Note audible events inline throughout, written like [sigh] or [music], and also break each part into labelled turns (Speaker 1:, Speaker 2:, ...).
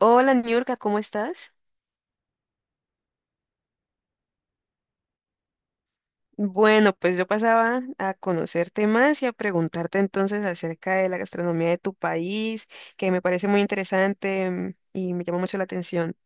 Speaker 1: Hola, Niurka, ¿cómo estás? Bueno, pues yo pasaba a conocerte más y a preguntarte entonces acerca de la gastronomía de tu país, que me parece muy interesante y me llama mucho la atención.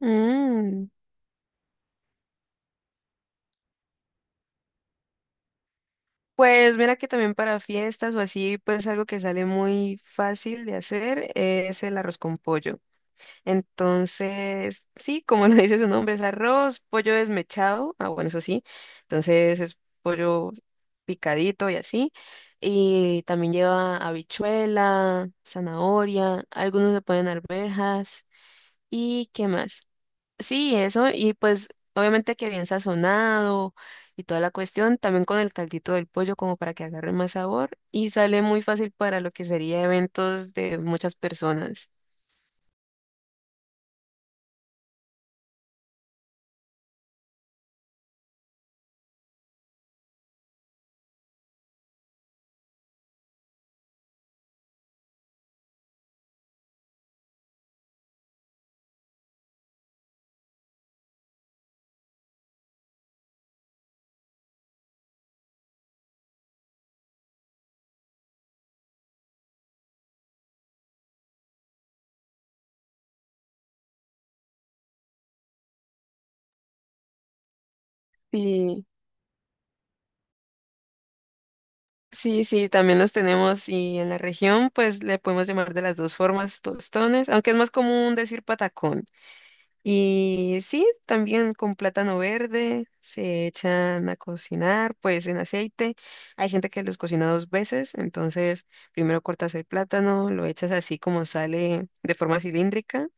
Speaker 1: Mm, pues mira que también para fiestas o así, pues algo que sale muy fácil de hacer es el arroz con pollo. Entonces, sí, como [laughs] lo dice su nombre, es arroz, pollo desmechado. Ah, bueno, eso sí. Entonces es pollo picadito y así. Y también lleva habichuela, zanahoria, algunos le ponen arvejas. ¿Y qué más? Sí, eso. Y pues obviamente que bien sazonado y toda la cuestión, también con el caldito del pollo como para que agarre más sabor. Y sale muy fácil para lo que sería eventos de muchas personas. Sí. Sí, sí, también los tenemos y en la región pues le podemos llamar de las dos formas tostones, aunque es más común decir patacón. Y sí, también con plátano verde se echan a cocinar, pues en aceite. Hay gente que los cocina dos veces, entonces primero cortas el plátano, lo echas así como sale de forma cilíndrica,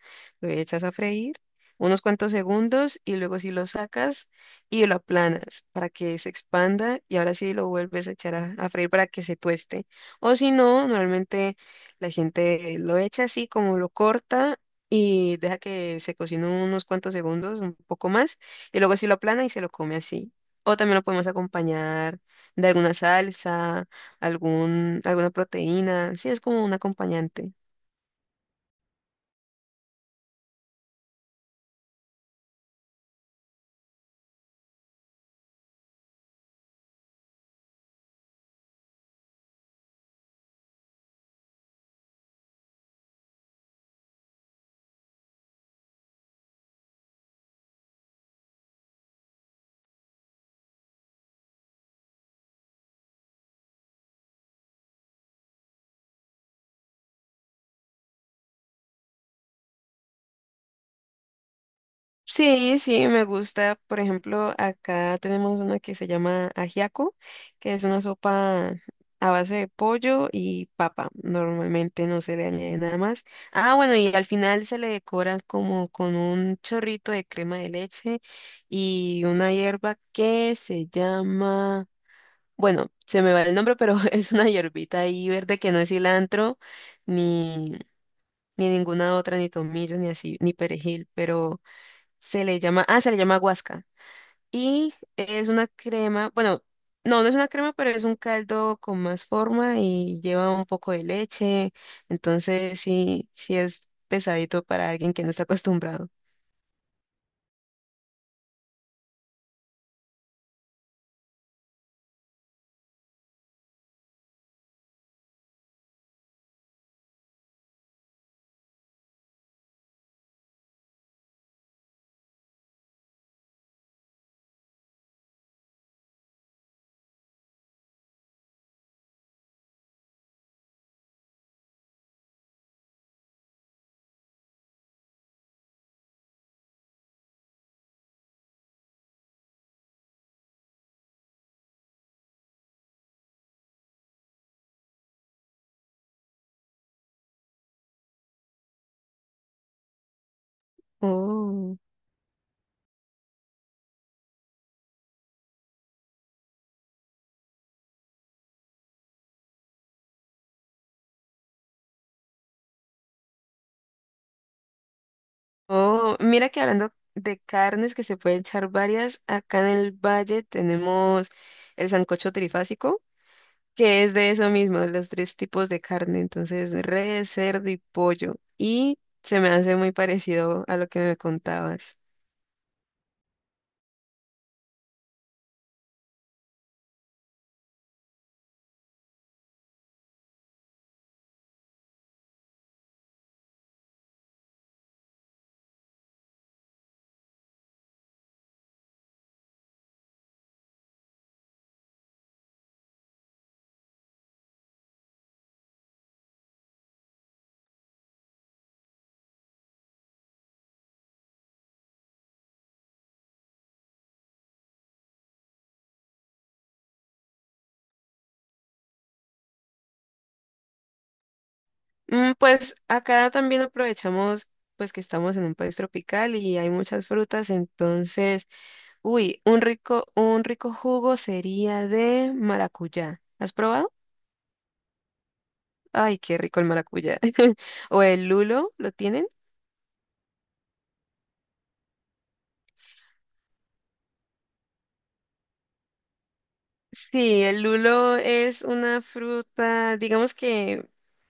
Speaker 1: lo echas a freír unos cuantos segundos y luego sí lo sacas y lo aplanas para que se expanda y ahora sí lo vuelves a echar a freír para que se tueste. O si no, normalmente la gente lo echa así como lo corta y deja que se cocine unos cuantos segundos, un poco más, y luego sí lo aplana y se lo come así. O también lo podemos acompañar de alguna salsa, algún, alguna proteína, sí, es como un acompañante. Sí, sí, me gusta. Por ejemplo, acá tenemos una que se llama ajiaco, que es una sopa a base de pollo y papa. Normalmente no se le añade nada más. Ah, bueno, y al final se le decora como con un chorrito de crema de leche y una hierba que se llama, bueno, se me va el nombre, pero [laughs] es una hierbita ahí verde que no es cilantro, ni, ni ninguna otra, ni tomillo, ni así, ni perejil, pero... Se le llama guasca. Y es una crema, bueno, no, no es una crema, pero es un caldo con más forma y lleva un poco de leche. Entonces, sí, sí es pesadito para alguien que no está acostumbrado. Oh. Oh, mira que hablando de carnes que se pueden echar varias, acá en el valle tenemos el sancocho trifásico que es de eso mismo, de los tres tipos de carne, entonces res, cerdo y pollo. Y se me hace muy parecido a lo que me contabas. Mm, pues acá también aprovechamos pues que estamos en un país tropical y hay muchas frutas, entonces, uy, un rico jugo sería de maracuyá. ¿Has probado? Ay, qué rico el maracuyá. [laughs] ¿O el lulo? ¿Lo tienes? Sí, el lulo es una fruta, digamos que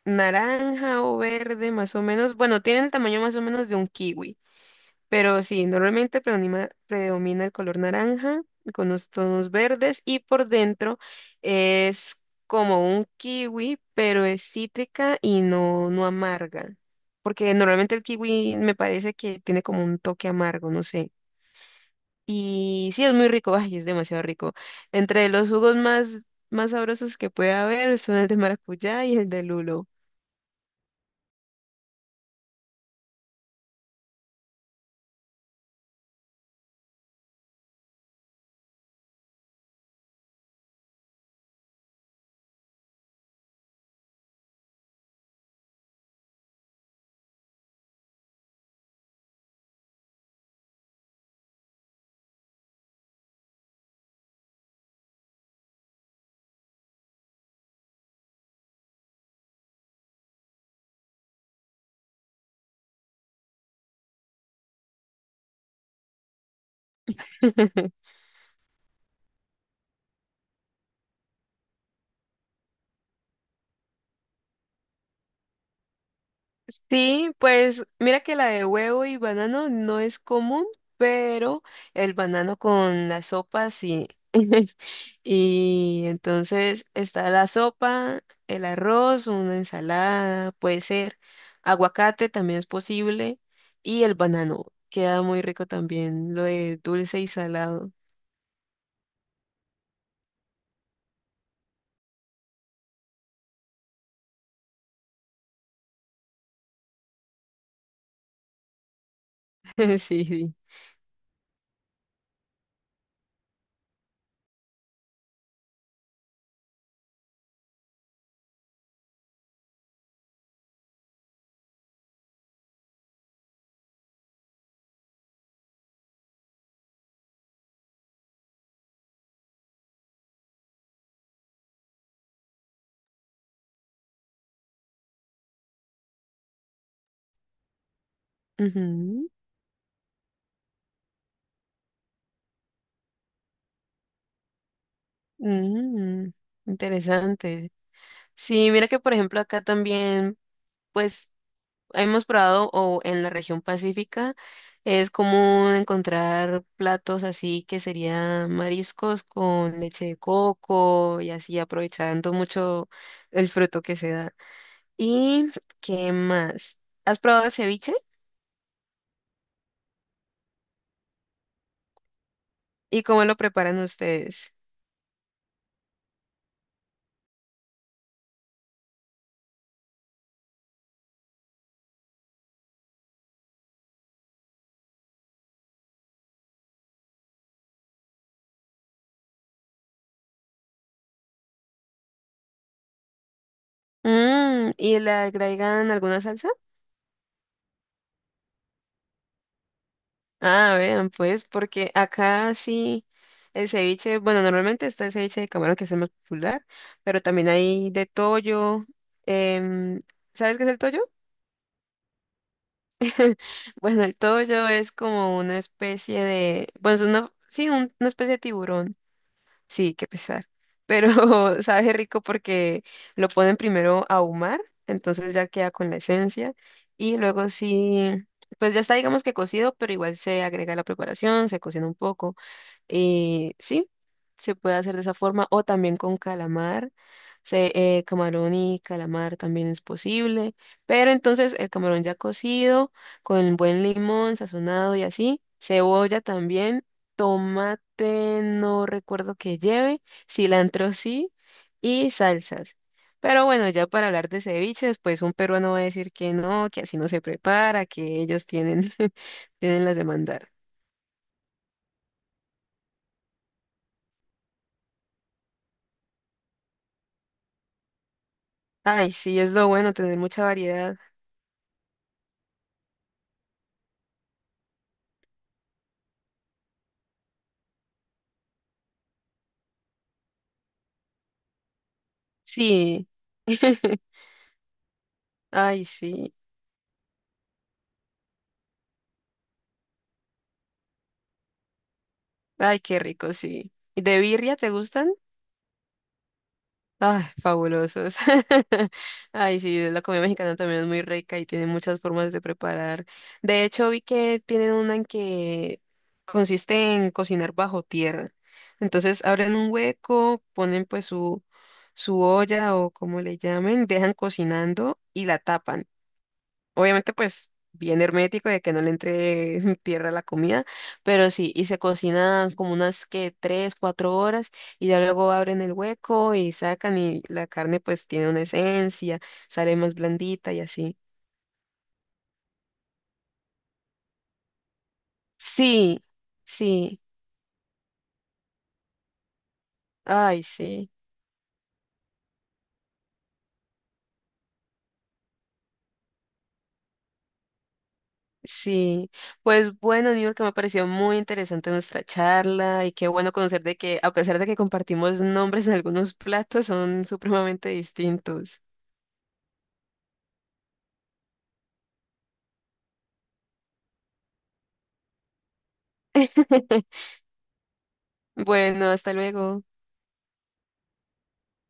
Speaker 1: naranja o verde más o menos. Bueno, tiene el tamaño más o menos de un kiwi, pero sí, normalmente predomina el color naranja con los tonos verdes y por dentro es como un kiwi, pero es cítrica y no, no amarga, porque normalmente el kiwi me parece que tiene como un toque amargo, no sé. Y sí, es muy rico, ay, es demasiado rico. Entre los jugos más sabrosos que puede haber son el de maracuyá y el de lulo. Sí, pues mira que la de huevo y banano no es común, pero el banano con la sopa sí. [laughs] Y entonces está la sopa, el arroz, una ensalada, puede ser aguacate también es posible y el banano. Queda muy rico también lo de dulce y salado. [laughs] Sí. Ujú. Mm, interesante. Sí, mira que por ejemplo acá también, pues hemos probado o en la región pacífica es común encontrar platos así que serían mariscos con leche de coco y así aprovechando mucho el fruto que se da. ¿Y qué más? ¿Has probado el ceviche? ¿Y cómo lo preparan ustedes? Mm, ¿y le agregan alguna salsa? Ah, vean, pues, porque acá sí el ceviche, bueno, normalmente está el ceviche de camarón que es el más popular, pero también hay de toyo. em, ¿Sabes qué es el toyo? [laughs] Bueno, el toyo es como una especie de, bueno, es una, sí, una especie de tiburón, sí, qué pesar, pero [laughs] sabe rico porque lo ponen primero a ahumar, entonces ya queda con la esencia, y luego sí, pues ya está, digamos que cocido, pero igual se agrega la preparación, se cocina un poco. Sí, se puede hacer de esa forma o también con calamar. Se, camarón y calamar también es posible, pero entonces el camarón ya cocido, con buen limón sazonado y así, cebolla también, tomate no recuerdo que lleve, cilantro sí y salsas. Pero bueno, ya para hablar de ceviches, pues un peruano va a decir que no, que así no se prepara, que ellos tienen, [laughs] tienen las de mandar. Ay, sí, es lo bueno tener mucha variedad. Sí. [laughs] Ay, sí. Ay, qué rico, sí. ¿Y de birria te gustan? Ay, fabulosos. [laughs] Ay, sí, la comida mexicana también es muy rica y tiene muchas formas de preparar. De hecho, vi que tienen una en que consiste en cocinar bajo tierra. Entonces, abren un hueco, ponen pues su olla o como le llamen, dejan cocinando y la tapan. Obviamente, pues bien hermético de que no le entre [laughs] tierra a la comida, pero sí, y se cocina como unas que 3, 4 horas y ya luego abren el hueco y sacan y la carne pues tiene una esencia, sale más blandita y así. Sí, sí, ay, sí. Sí, pues bueno, Niurka, que me pareció muy interesante nuestra charla y qué bueno conocer de que a pesar de que compartimos nombres en algunos platos, son supremamente distintos. [laughs] Bueno, hasta luego.